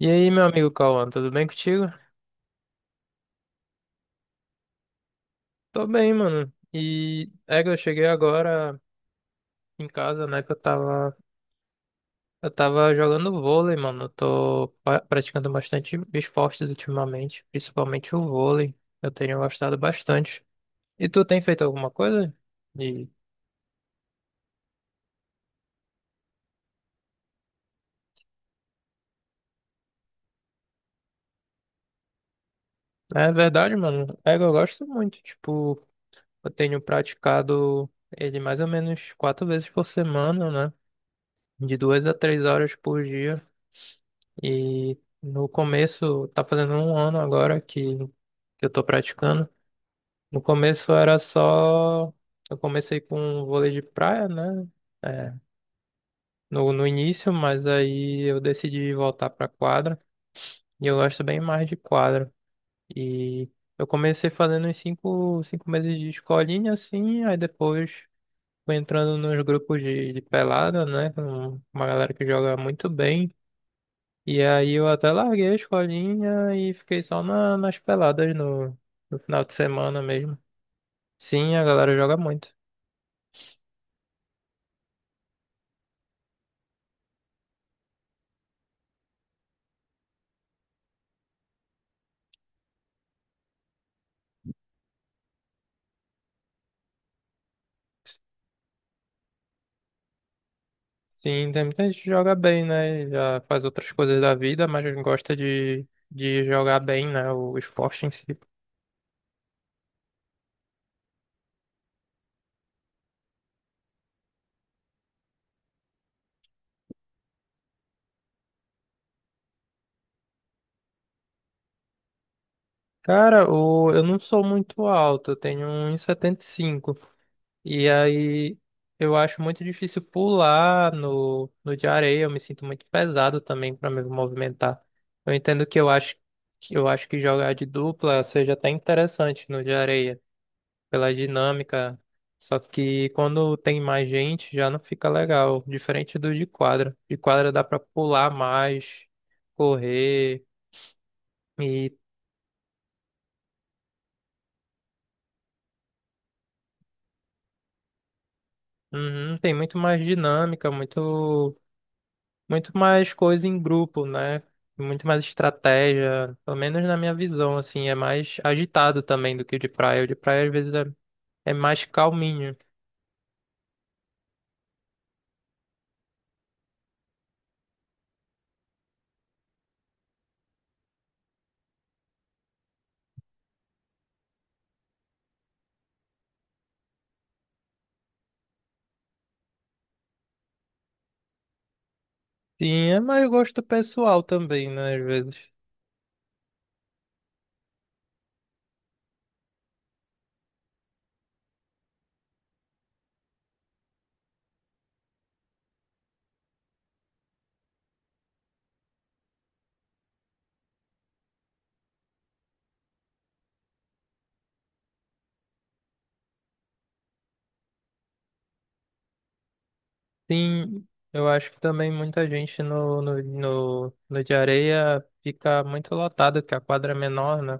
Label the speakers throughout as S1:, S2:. S1: E aí, meu amigo Cauã, tudo bem contigo? Tô bem, mano. E é que eu cheguei agora em casa, né, que eu tava jogando vôlei, mano. Eu tô praticando bastante esportes ultimamente, principalmente o vôlei. Eu tenho gostado bastante. E tu tem feito alguma coisa? E né, é verdade, mano. É que eu gosto muito. Tipo, eu tenho praticado ele mais ou menos 4 vezes por semana, né? De 2 a 3 horas por dia. E no começo, tá fazendo um ano agora que eu tô praticando. No começo era só. Eu comecei com vôlei de praia, né? É, no início, mas aí eu decidi voltar pra quadra. E eu gosto bem mais de quadra. E eu comecei fazendo uns cinco meses de escolinha, assim, aí depois fui entrando nos grupos de pelada, né? Com uma galera que joga muito bem. E aí eu até larguei a escolinha e fiquei só nas peladas no final de semana mesmo. Sim, a galera joga muito. Sim, tem muita gente que joga bem, né? Já faz outras coisas da vida, mas gosta de jogar bem, né? O esporte em si. Cara, eu não sou muito alto, eu tenho 1,75 m. E aí eu acho muito difícil pular no de areia, eu me sinto muito pesado também para me movimentar. Eu entendo que eu acho que jogar de dupla seja até interessante no de areia, pela dinâmica. Só que quando tem mais gente já não fica legal, diferente do de quadra. De quadra dá para pular mais, correr. e uhum, tem muito mais dinâmica, muito muito mais coisa em grupo, né? Muito mais estratégia, pelo menos na minha visão, assim, é mais agitado também do que o de praia. O de praia às vezes é mais calminho. Sim, é mais gosto pessoal também, né? Às vezes. Sim, eu acho que também muita gente no de areia fica muito lotada, porque a quadra é menor, né?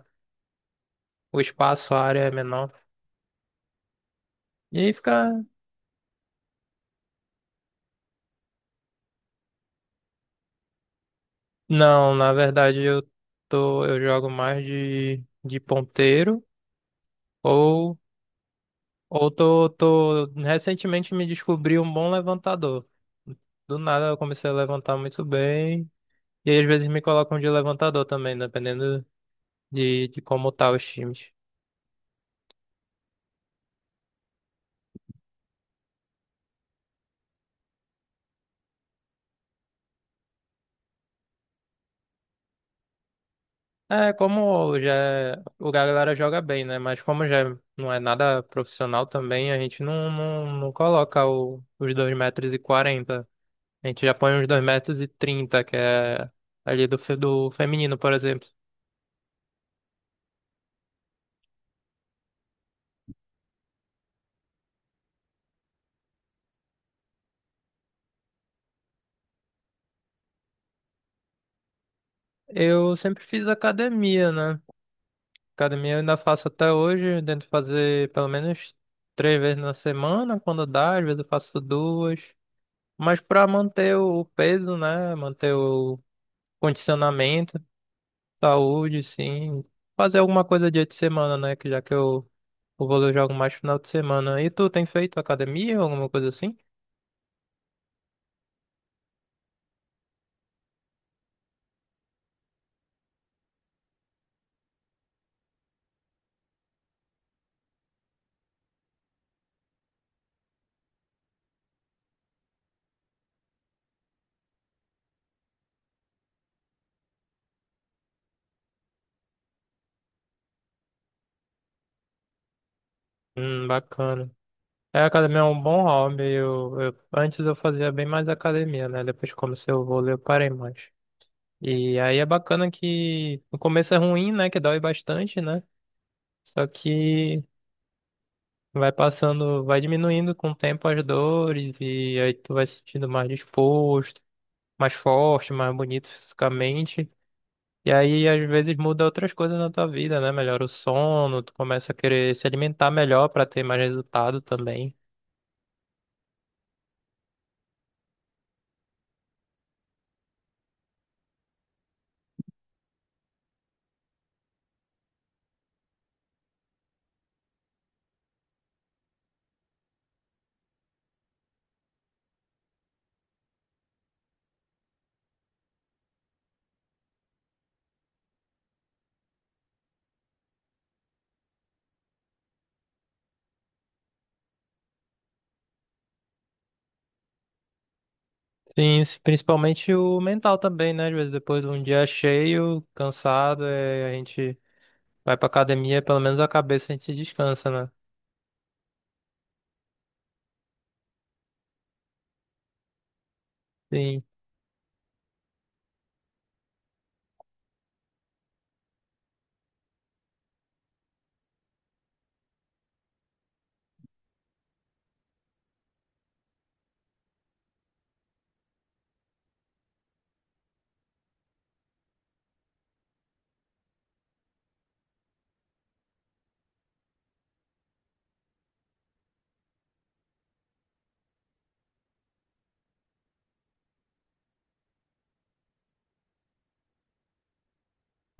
S1: O espaço, a área é menor. E aí fica. Não, na verdade eu jogo mais de ponteiro. Ou Ou tô recentemente me descobri um bom levantador. Do nada eu comecei a levantar muito bem. E aí, às vezes me colocam de levantador também, dependendo de como tá os times. É, como já o galera joga bem, né? Mas como já não é nada profissional também, a gente não coloca os 2,40 m. A gente já põe os 2,30 m que é ali do feminino, por exemplo. Eu sempre fiz academia, né? Academia eu ainda faço até hoje, eu tento fazer pelo menos 3 vezes na semana, quando dá, às vezes eu faço duas. Mas para manter o peso, né? Manter o condicionamento, saúde, sim. Fazer alguma coisa dia de semana, né? Que já que o vôlei eu jogo mais final de semana. E tu tem feito academia ou alguma coisa assim? Bacana. É, academia é um bom hobby. Eu antes eu fazia bem mais academia, né? Depois que comecei o vôlei eu parei mais. E aí é bacana que no começo é ruim, né? Que dói bastante, né? Só que vai passando, vai diminuindo com o tempo as dores e aí tu vai se sentindo mais disposto, mais forte, mais bonito fisicamente. E aí às vezes muda outras coisas na tua vida, né? Melhora o sono, tu começa a querer se alimentar melhor pra ter mais resultado também. Sim, principalmente o mental também, né? Às vezes depois de um dia cheio, cansado, é, a gente vai pra academia, pelo menos a cabeça a gente descansa, né? Sim.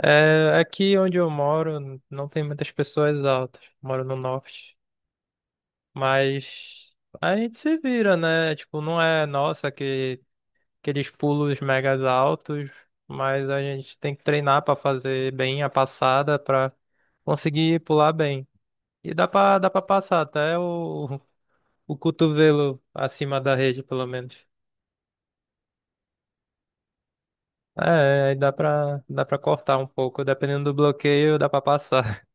S1: É, aqui onde eu moro não tem muitas pessoas altas. Moro no norte. Mas a gente se vira, né? Tipo, não é nossa que aqueles pulos megas altos, mas a gente tem que treinar pra fazer bem a passada pra conseguir pular bem. E dá pra passar até o, o cotovelo acima da rede, pelo menos. É, aí dá pra cortar um pouco. Dependendo do bloqueio, dá pra passar.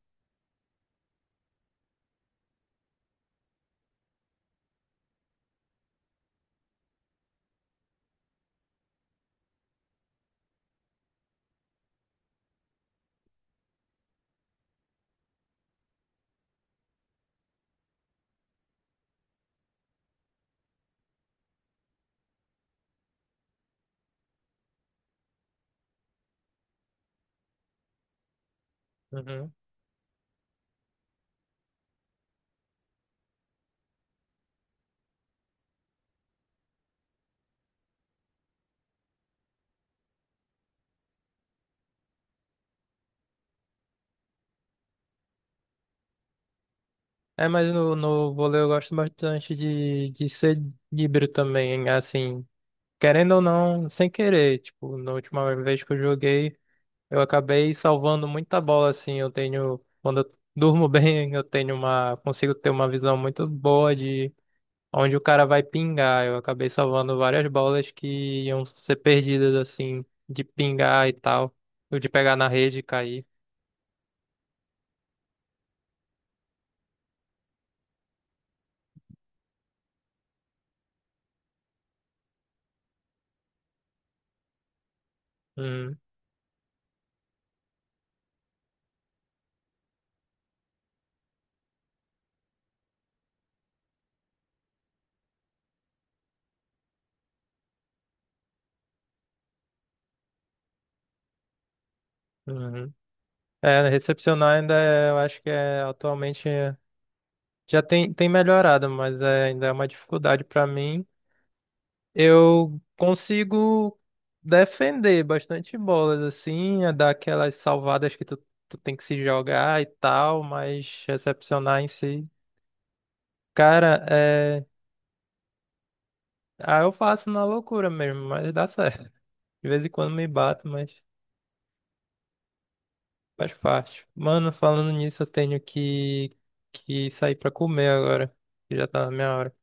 S1: É, mas no vôlei eu gosto bastante de ser líbero também, assim, querendo ou não, sem querer, tipo, na última vez que eu joguei, eu acabei salvando muita bola, assim, eu tenho, quando eu durmo bem, eu tenho consigo ter uma visão muito boa de onde o cara vai pingar, eu acabei salvando várias bolas que iam ser perdidas, assim, de pingar e tal, ou de pegar na rede e cair. Hum, uhum. É, recepcionar ainda é, eu acho que é atualmente já tem, melhorado, mas ainda é uma dificuldade para mim. Eu consigo defender bastante bolas, assim, é dar aquelas salvadas que tu tem que se jogar e tal, mas recepcionar em si. Cara, é. Ah, eu faço na loucura mesmo, mas dá certo. De vez em quando me bato, mas faz parte. Mano, falando nisso, eu tenho que sair pra comer agora, que já tá na minha hora.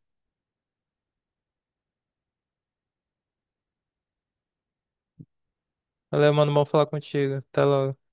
S1: Valeu, mano, bom falar contigo. Até logo.